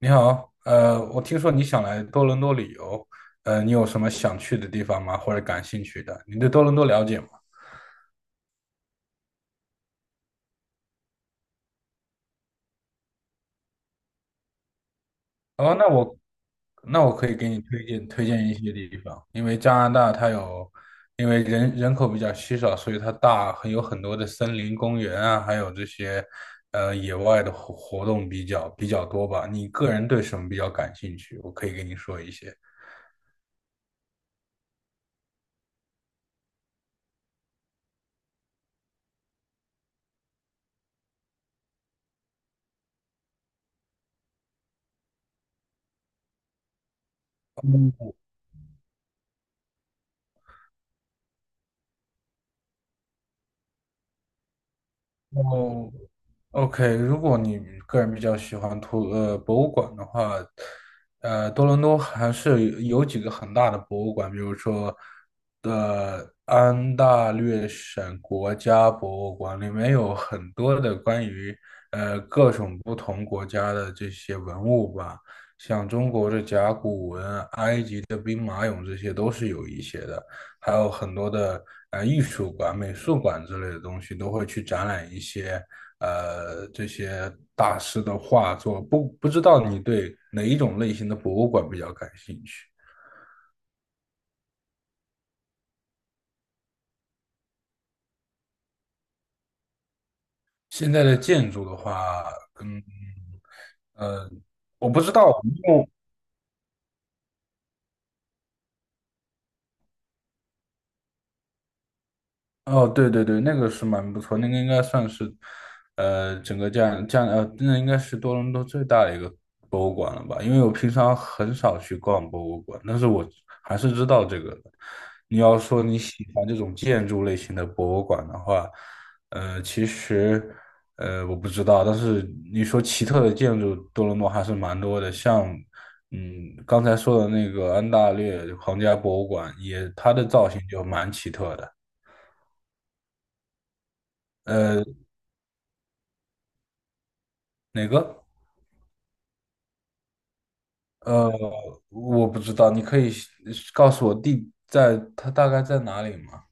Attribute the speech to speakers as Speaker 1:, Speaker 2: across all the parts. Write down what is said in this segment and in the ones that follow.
Speaker 1: 你好，我听说你想来多伦多旅游。你有什么想去的地方吗？或者感兴趣的？你对多伦多了解吗？哦，那我可以给你推荐推荐一些地方。因为加拿大它有，因为人口比较稀少，所以它大很有很多的森林公园啊，还有这些野外的活动比较多吧。你个人对什么比较感兴趣？我可以给你说一些。嗯，OK，如果你个人比较喜欢博物馆的话，多伦多还是有几个很大的博物馆，比如说，安大略省国家博物馆里面有很多的关于各种不同国家的这些文物吧，像中国的甲骨文、埃及的兵马俑这些都是有一些的，还有很多的艺术馆、美术馆之类的东西都会去展览一些。这些大师的画作，不知道你对哪一种类型的博物馆比较感兴趣？现在的建筑的话，嗯呃，我不知道。哦，对对对，那个是蛮不错，那个应该算是，整个这样，那应该是多伦多最大的一个博物馆了吧？因为我平常很少去逛博物馆，但是我还是知道这个的。你要说你喜欢这种建筑类型的博物馆的话，其实，我不知道，但是你说奇特的建筑，多伦多还是蛮多的，像，刚才说的那个安大略皇家博物馆，也它的造型就蛮奇特的。呃。哪个？呃，我不知道，你可以告诉我地在它大概在哪里吗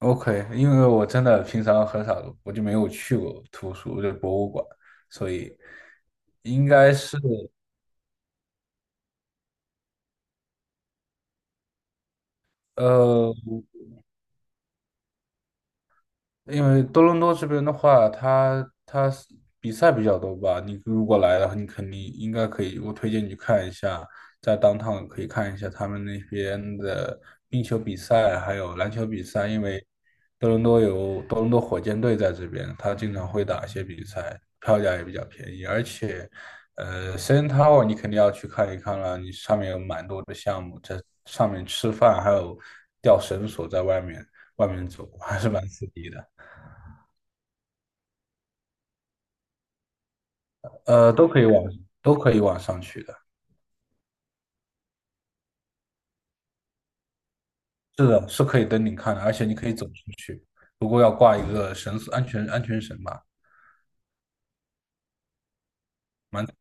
Speaker 1: ？OK，因为我真的平常很少，我就没有去过图书，就博物馆，所以应该是。呃，因为多伦多这边的话，它是比赛比较多吧。你如果来了，你肯定应该可以。我推荐你去看一下，在 downtown 可以看一下他们那边的冰球比赛，还有篮球比赛。因为多伦多有多伦多火箭队在这边，他经常会打一些比赛，票价也比较便宜。而且，CN Tower 你肯定要去看一看了，你上面有蛮多的项目，在上面吃饭，还有吊绳索在外面走，还是蛮刺激的。呃，都可以往都可以往上去的，是的，是可以登顶看的，而且你可以走出去，不过要挂一个绳索，安全绳吧。蛮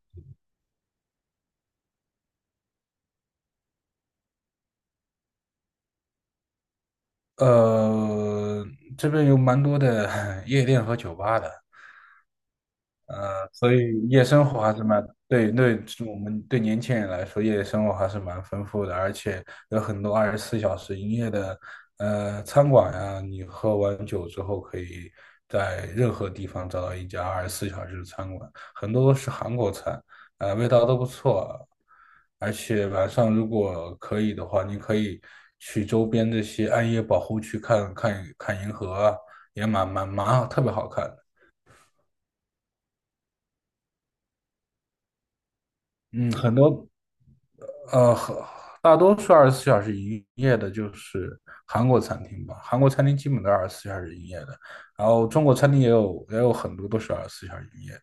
Speaker 1: 呃这边有蛮多的 夜店和酒吧的。所以夜生活还是蛮，对对，我们对年轻人来说，夜生活还是蛮丰富的，而且有很多二十四小时营业的，餐馆呀，你喝完酒之后，可以在任何地方找到一家二十四小时的餐馆，很多都是韩国菜，味道都不错，而且晚上如果可以的话，你可以去周边这些暗夜保护区看看银河啊也蛮好特别好看的。嗯，呃，大多数二十四小时营业的就是韩国餐厅吧，韩国餐厅基本都是二十四小时营业的，然后中国餐厅也有很多都是二十四小时营业的。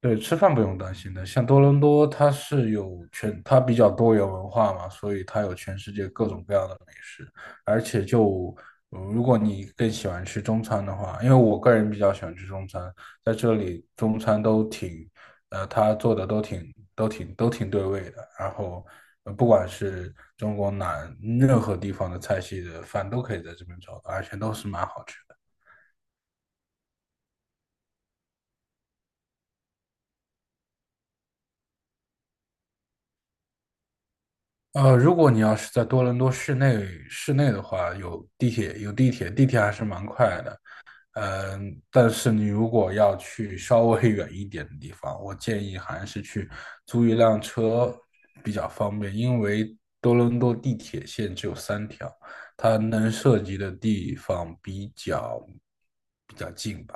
Speaker 1: 对，吃饭不用担心的。像多伦多，它是有全，它比较多元文化嘛，所以它有全世界各种各样的美食。而且如果你更喜欢吃中餐的话，因为我个人比较喜欢吃中餐，在这里中餐都挺，它做的都挺对味的。然后，不管是中国哪任何地方的菜系的饭都可以在这边找到，而且都是蛮好吃的。如果你要是在多伦多市内的话，有地铁，地铁还是蛮快的。嗯，但是你如果要去稍微 远一点的地方，我建议还是去租一辆车比较方便，因为多伦多地铁线只有3条，它能涉及的地方比较近。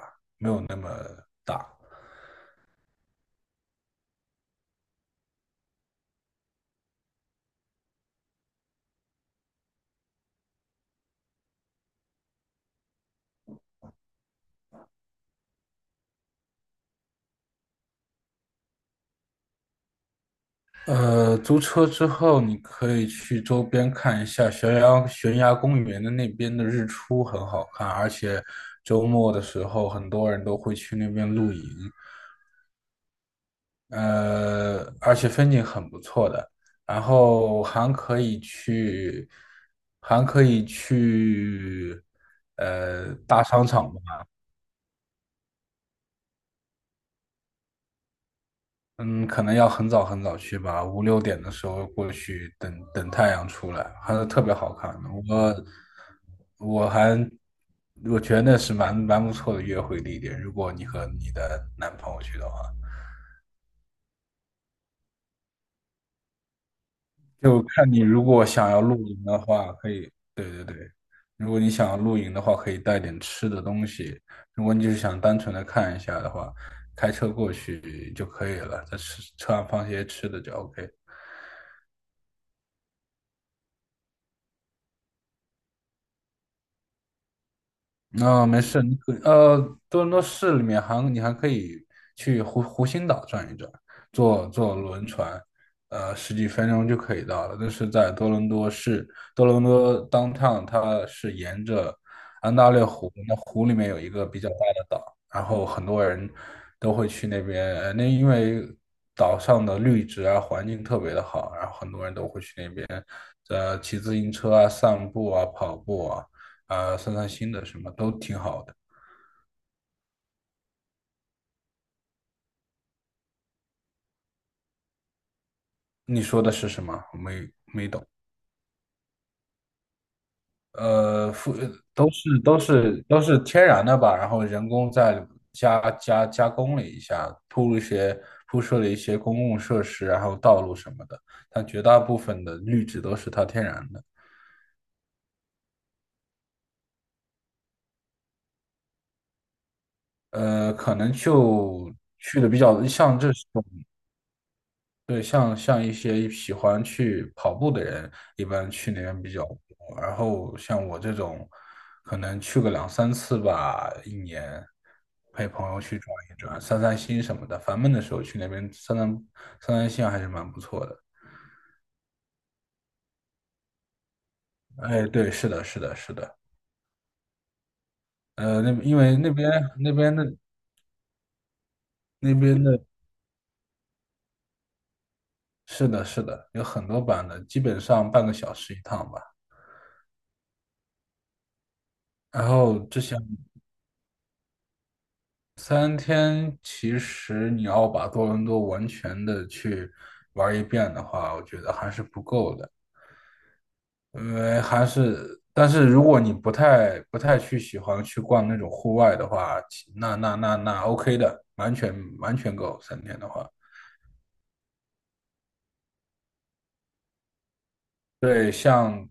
Speaker 1: 租车之后，你可以去周边看一下悬崖公园的那边的日出，很好看，而且周末的时候，很多人都会去那边露营，而且风景很不错的。然后还可以去大商场吧。嗯，可能要很早很早去吧，五六点的时候过去等，等太阳出来，还是特别好看的。我还我觉得那是蛮不错的约会地点，如果你和你的男朋友去的话，就看你如果想要露营的话，可以，对对对，如果你想要露营的话，可以带点吃的东西。如果你就是想单纯的看一下的话，开车过去就可以了，在吃车上放些吃的就 OK。啊、没事，多伦多市里面你还可以去湖心岛转一转，坐坐轮船。十几分钟就可以到了。但是在多伦多市，多伦多 downtown 它是沿着安大略湖，那湖里面有一个比较大的岛，然后很多人都会去那边，那因为岛上的绿植啊，环境特别的好，然后很多人都会去那边，骑自行车啊、散步啊、跑步啊。散散心的什么都挺好的。你说的是什么？我们呃，复都是天然的吧，然后人工再加工了一下，铺设了一些公共设施，然后道路什么的，但绝大部分的绿植都是它天然的。可能就去的比较像这种，对，像一些喜欢去跑步的人，一般去那边比较多。然后像我这种，可能去个两三次吧，一年，陪朋友去转一转，散散心什么的。烦闷的时候去那边散散心，还是蛮不错的。哎，对，是的，是的，是的。那因为那边的那边的，是的，是的，有很多版的，基本上半个小时一趟吧。然后之前。三天，其实你要把多伦多完全的去玩一遍的话，我觉得还是不够的，因为还是，但是如果你不太去喜欢去逛那种户外的话，其那那那那 OK 的，完全够三天的话。对，像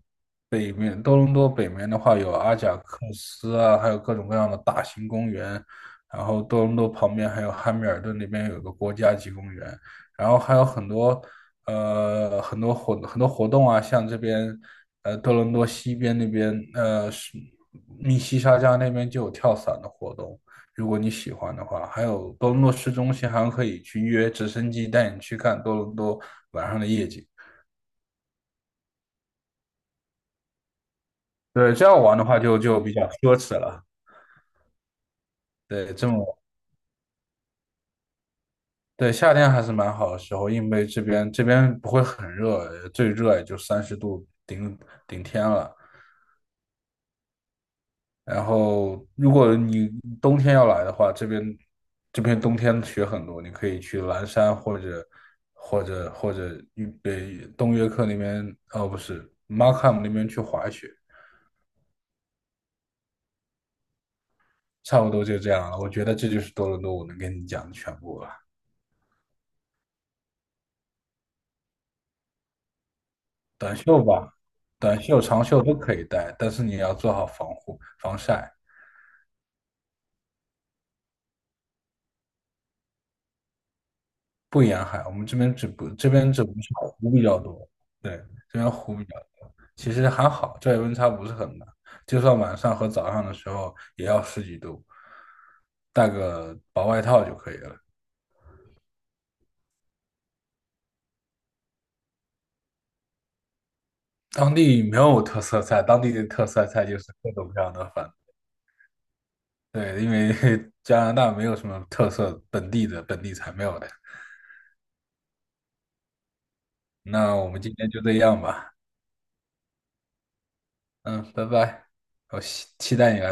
Speaker 1: 多伦多北面的话，有阿贾克斯啊，还有各种各样的大型公园。然后多伦多旁边还有汉密尔顿那边有个国家级公园，然后还有很多活动啊，像这边多伦多西边那边是密西沙加那边就有跳伞的活动，如果你喜欢的话，还有多伦多市中心还可以去约直升机带你去看多伦多晚上的夜景。对，这样玩的话就比较奢侈了。对，对，夏天还是蛮好的时候，因为这边不会很热，最热也就30度顶天了。然后，如果你冬天要来的话，这边冬天雪很多，你可以去蓝山或者预北东约克那边，哦不是 Markham 那边去滑雪。差不多就这样了。我觉得这就是多伦多我能跟你讲的全部了。短袖吧，短袖、长袖都可以带，但是你要做好防护、防晒。不沿海，我们这边只不是湖比较多。对，这边湖比较多，其实还好，昼夜温差不是很大，就算晚上和早上的时候也要十几度，带个薄外套就可以了。当地没有特色菜，当地的特色菜就是各种各样的饭。对，因为 加拿大没有什么特色，本地菜没有的。那我们今天就这样吧。嗯，拜拜，我期待你来。